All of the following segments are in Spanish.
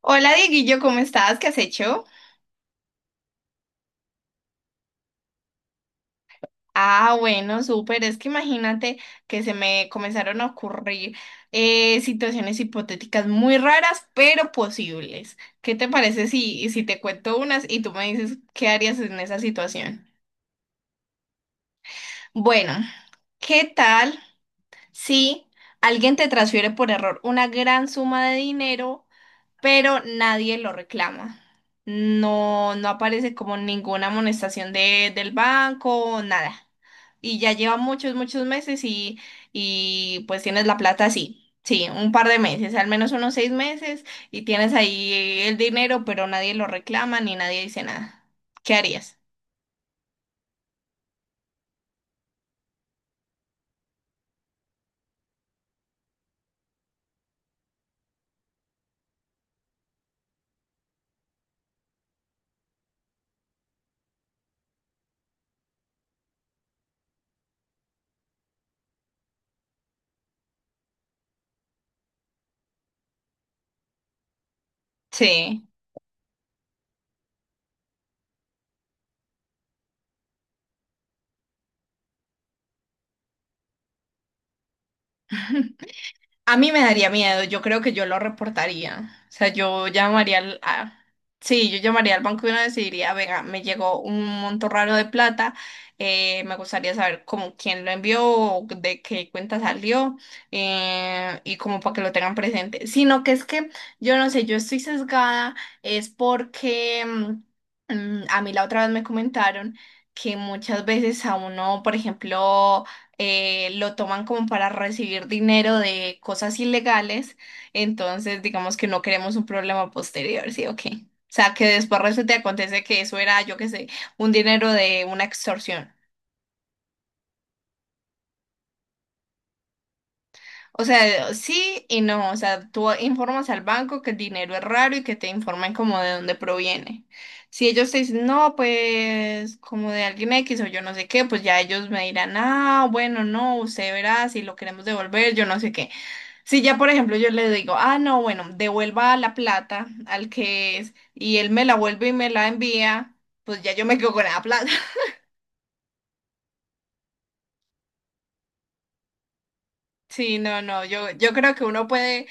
Hola Dieguillo, ¿cómo estás? ¿Qué has hecho? Ah, bueno, súper. Es que imagínate que se me comenzaron a ocurrir situaciones hipotéticas muy raras, pero posibles. ¿Qué te parece si te cuento unas y tú me dices qué harías en esa situación? Bueno, ¿qué tal si alguien te transfiere por error una gran suma de dinero, pero nadie lo reclama? No aparece como ninguna amonestación del banco, nada. Y ya lleva muchos, muchos meses, y pues tienes la plata así. Sí, un par de meses, al menos unos seis meses, y tienes ahí el dinero, pero nadie lo reclama ni nadie dice nada. ¿Qué harías? Sí. A mí me daría miedo, yo creo que yo lo reportaría. O sea, yo llamaría al... a- sí, yo llamaría al banco y uno decidiría, venga, me llegó un monto raro de plata, me gustaría saber cómo, quién lo envió, o de qué cuenta salió, y como para que lo tengan presente. Sino que es que yo no sé, yo estoy sesgada, es porque a mí la otra vez me comentaron que muchas veces a uno, por ejemplo, lo toman como para recibir dinero de cosas ilegales. Entonces digamos que no queremos un problema posterior, ¿sí o qué? O sea, que después resulta y acontece que eso era, yo qué sé, un dinero de una extorsión. O sea, sí y no, o sea, tú informas al banco que el dinero es raro y que te informen como de dónde proviene. Si ellos te dicen, no, pues como de alguien X o yo no sé qué, pues ya ellos me dirán, ah, bueno, no, usted verá si lo queremos devolver, yo no sé qué. Si ya, por ejemplo, yo le digo, ah, no, bueno, devuelva la plata al que es, y él me la vuelve y me la envía, pues ya yo me quedo con la plata. Sí, no, no, yo creo que uno puede,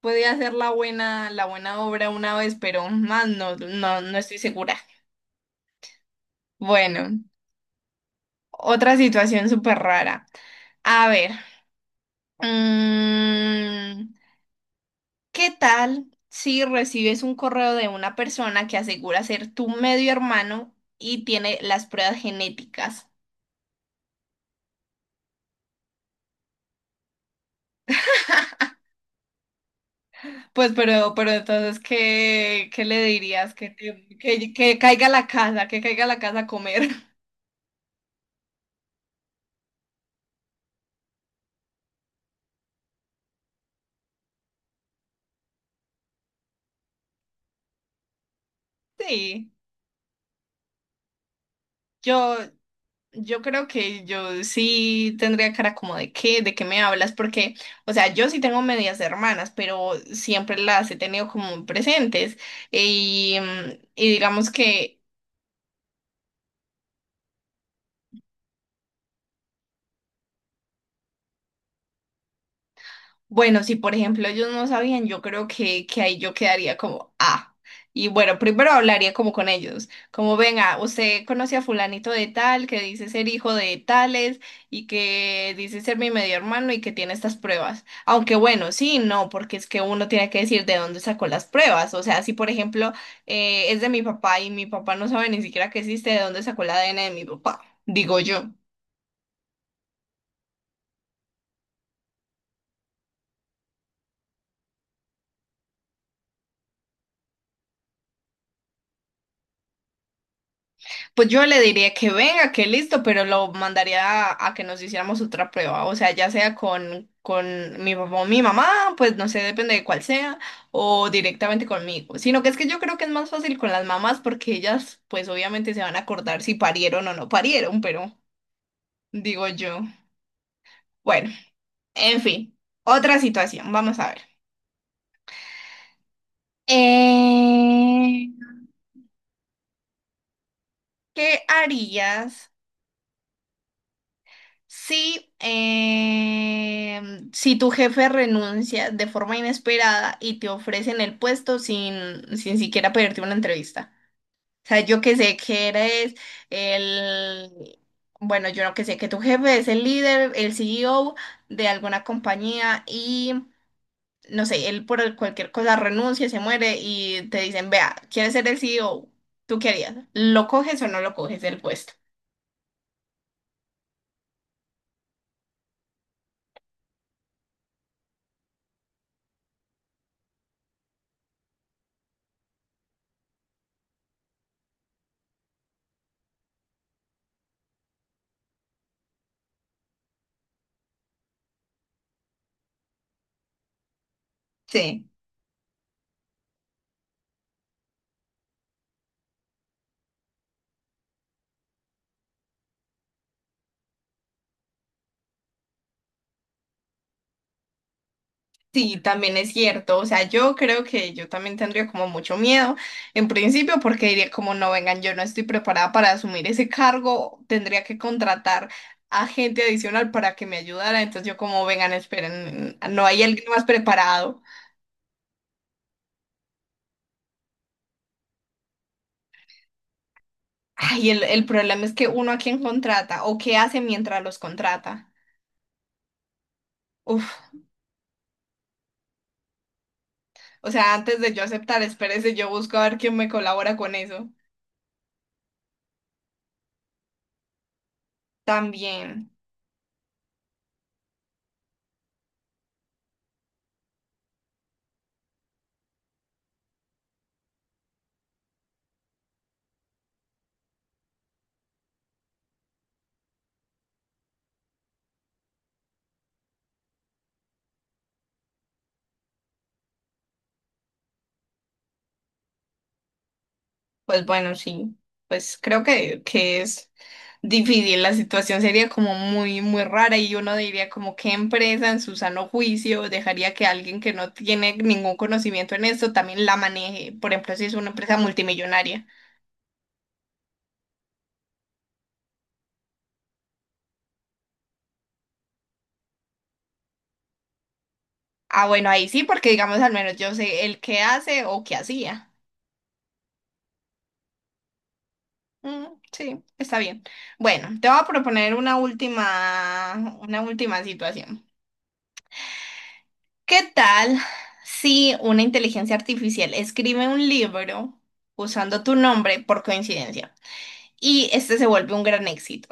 puede hacer la buena obra una vez, pero más no, no estoy segura. Bueno, otra situación súper rara. A ver, mm, ¿qué tal si recibes un correo de una persona que asegura ser tu medio hermano y tiene las pruebas genéticas? Pues, pero entonces, ¿qué le dirías? Que caiga a la casa, que caiga a la casa a comer. Sí, yo, yo creo que yo sí tendría cara como de de qué me hablas, porque, o sea, yo sí tengo medias hermanas, pero siempre las he tenido como presentes. Y mm, y digamos que bueno, si por ejemplo ellos no sabían, yo creo que ahí yo quedaría como, ah, y bueno, primero hablaría como con ellos, como venga, usted conoce a fulanito de tal, que dice ser hijo de tales y que dice ser mi medio hermano y que tiene estas pruebas. Aunque bueno, sí, no, porque es que uno tiene que decir de dónde sacó las pruebas. O sea, si por ejemplo es de mi papá y mi papá no sabe ni siquiera que existe, de dónde sacó el ADN de mi papá, digo yo. Pues yo le diría que venga, que listo, pero lo mandaría a que nos hiciéramos otra prueba. O sea, ya sea con mi papá o mi mamá, pues no sé, depende de cuál sea, o directamente conmigo. Sino que es que yo creo que es más fácil con las mamás porque ellas, pues obviamente se van a acordar si parieron o no parieron, pero digo yo. Bueno, en fin, otra situación, vamos a ver. Eh, ¿Qué harías? Sí, si tu jefe renuncia de forma inesperada y te ofrecen el puesto sin siquiera pedirte una entrevista. O sea, yo que sé que eres el, bueno, yo no que sé que tu jefe es el líder, el CEO de alguna compañía y no sé, cualquier cosa renuncia, se muere y te dicen, vea, ¿quieres ser el CEO? ¿Tú qué harías? ¿Lo coges o no lo coges el puesto? Sí. Sí, también es cierto. O sea, yo creo que yo también tendría como mucho miedo en principio porque diría como no vengan, yo no estoy preparada para asumir ese cargo, tendría que contratar a gente adicional para que me ayudara. Entonces yo como vengan, esperen, no hay alguien más preparado. Ay, el problema es que uno a quién contrata o qué hace mientras los contrata. Uf, o sea, antes de yo aceptar, espérese, yo busco a ver quién me colabora con eso. También, pues bueno, sí, pues creo que es difícil. La situación sería como muy, muy rara y uno diría como qué empresa en su sano juicio dejaría que alguien que no tiene ningún conocimiento en esto también la maneje, por ejemplo, si es una empresa multimillonaria. Ah, bueno, ahí sí, porque digamos al menos yo sé el qué hace o qué hacía. Mm, sí, está bien. Bueno, te voy a proponer una última situación. ¿Qué tal si una inteligencia artificial escribe un libro usando tu nombre por coincidencia? Y este se vuelve un gran éxito.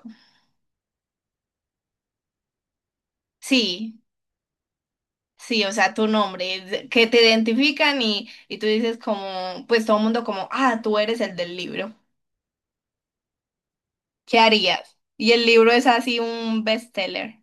Sí, sí, o sea, tu nombre, que te identifican y tú dices como, pues todo el mundo como, ah, tú eres el del libro, ¿qué harías? Y el libro es así un bestseller.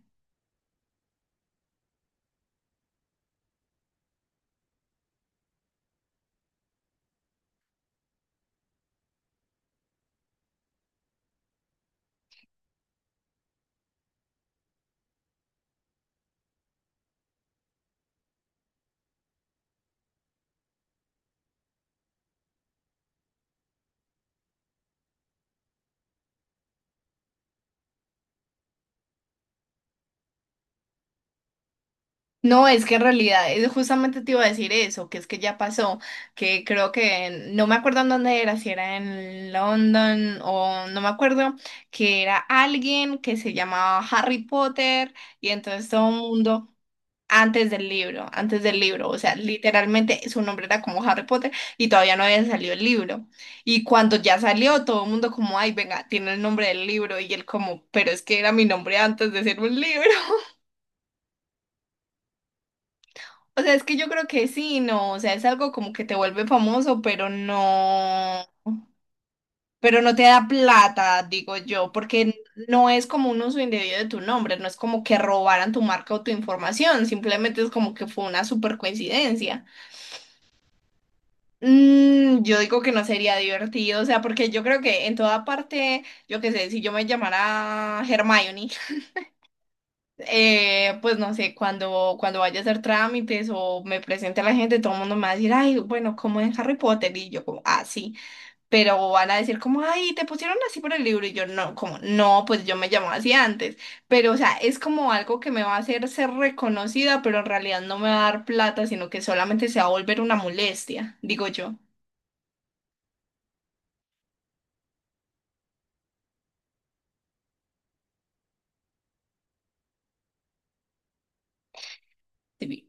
No, es que en realidad, justamente te iba a decir eso, que es que ya pasó, que creo que, no me acuerdo en dónde era, si era en London o no me acuerdo, que era alguien que se llamaba Harry Potter y entonces todo el mundo... antes del libro, o sea, literalmente su nombre era como Harry Potter y todavía no había salido el libro. Y cuando ya salió, todo el mundo como, ay, venga, tiene el nombre del libro y él como, pero es que era mi nombre antes de ser un libro. O sea, es que yo creo que sí, no, o sea, es algo como que te vuelve famoso, pero no te da plata, digo yo, porque no es como un uso indebido de tu nombre, no es como que robaran tu marca o tu información, simplemente es como que fue una super coincidencia. Mm, yo digo que no sería divertido, o sea, porque yo creo que en toda parte, yo qué sé, si yo me llamara Hermione, pues no sé, cuando vaya a hacer trámites o me presente a la gente, todo el mundo me va a decir, ay, bueno, como en Harry Potter, y yo como, ah, sí, pero van a decir como, ay, te pusieron así por el libro, y yo no, como, no, pues yo me llamaba así antes, pero o sea, es como algo que me va a hacer ser reconocida, pero en realidad no me va a dar plata, sino que solamente se va a volver una molestia, digo yo. Sí.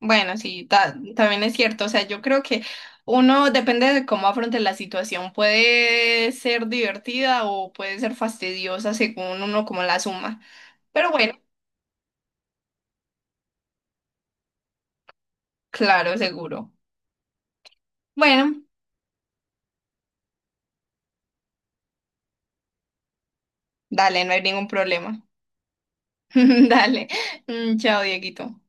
Bueno, sí, también es cierto. O sea, yo creo que uno depende de cómo afronte la situación. Puede ser divertida o puede ser fastidiosa según uno como la suma. Pero bueno, claro, seguro. Bueno, dale, no hay ningún problema. Dale. Mm, chao, Dieguito.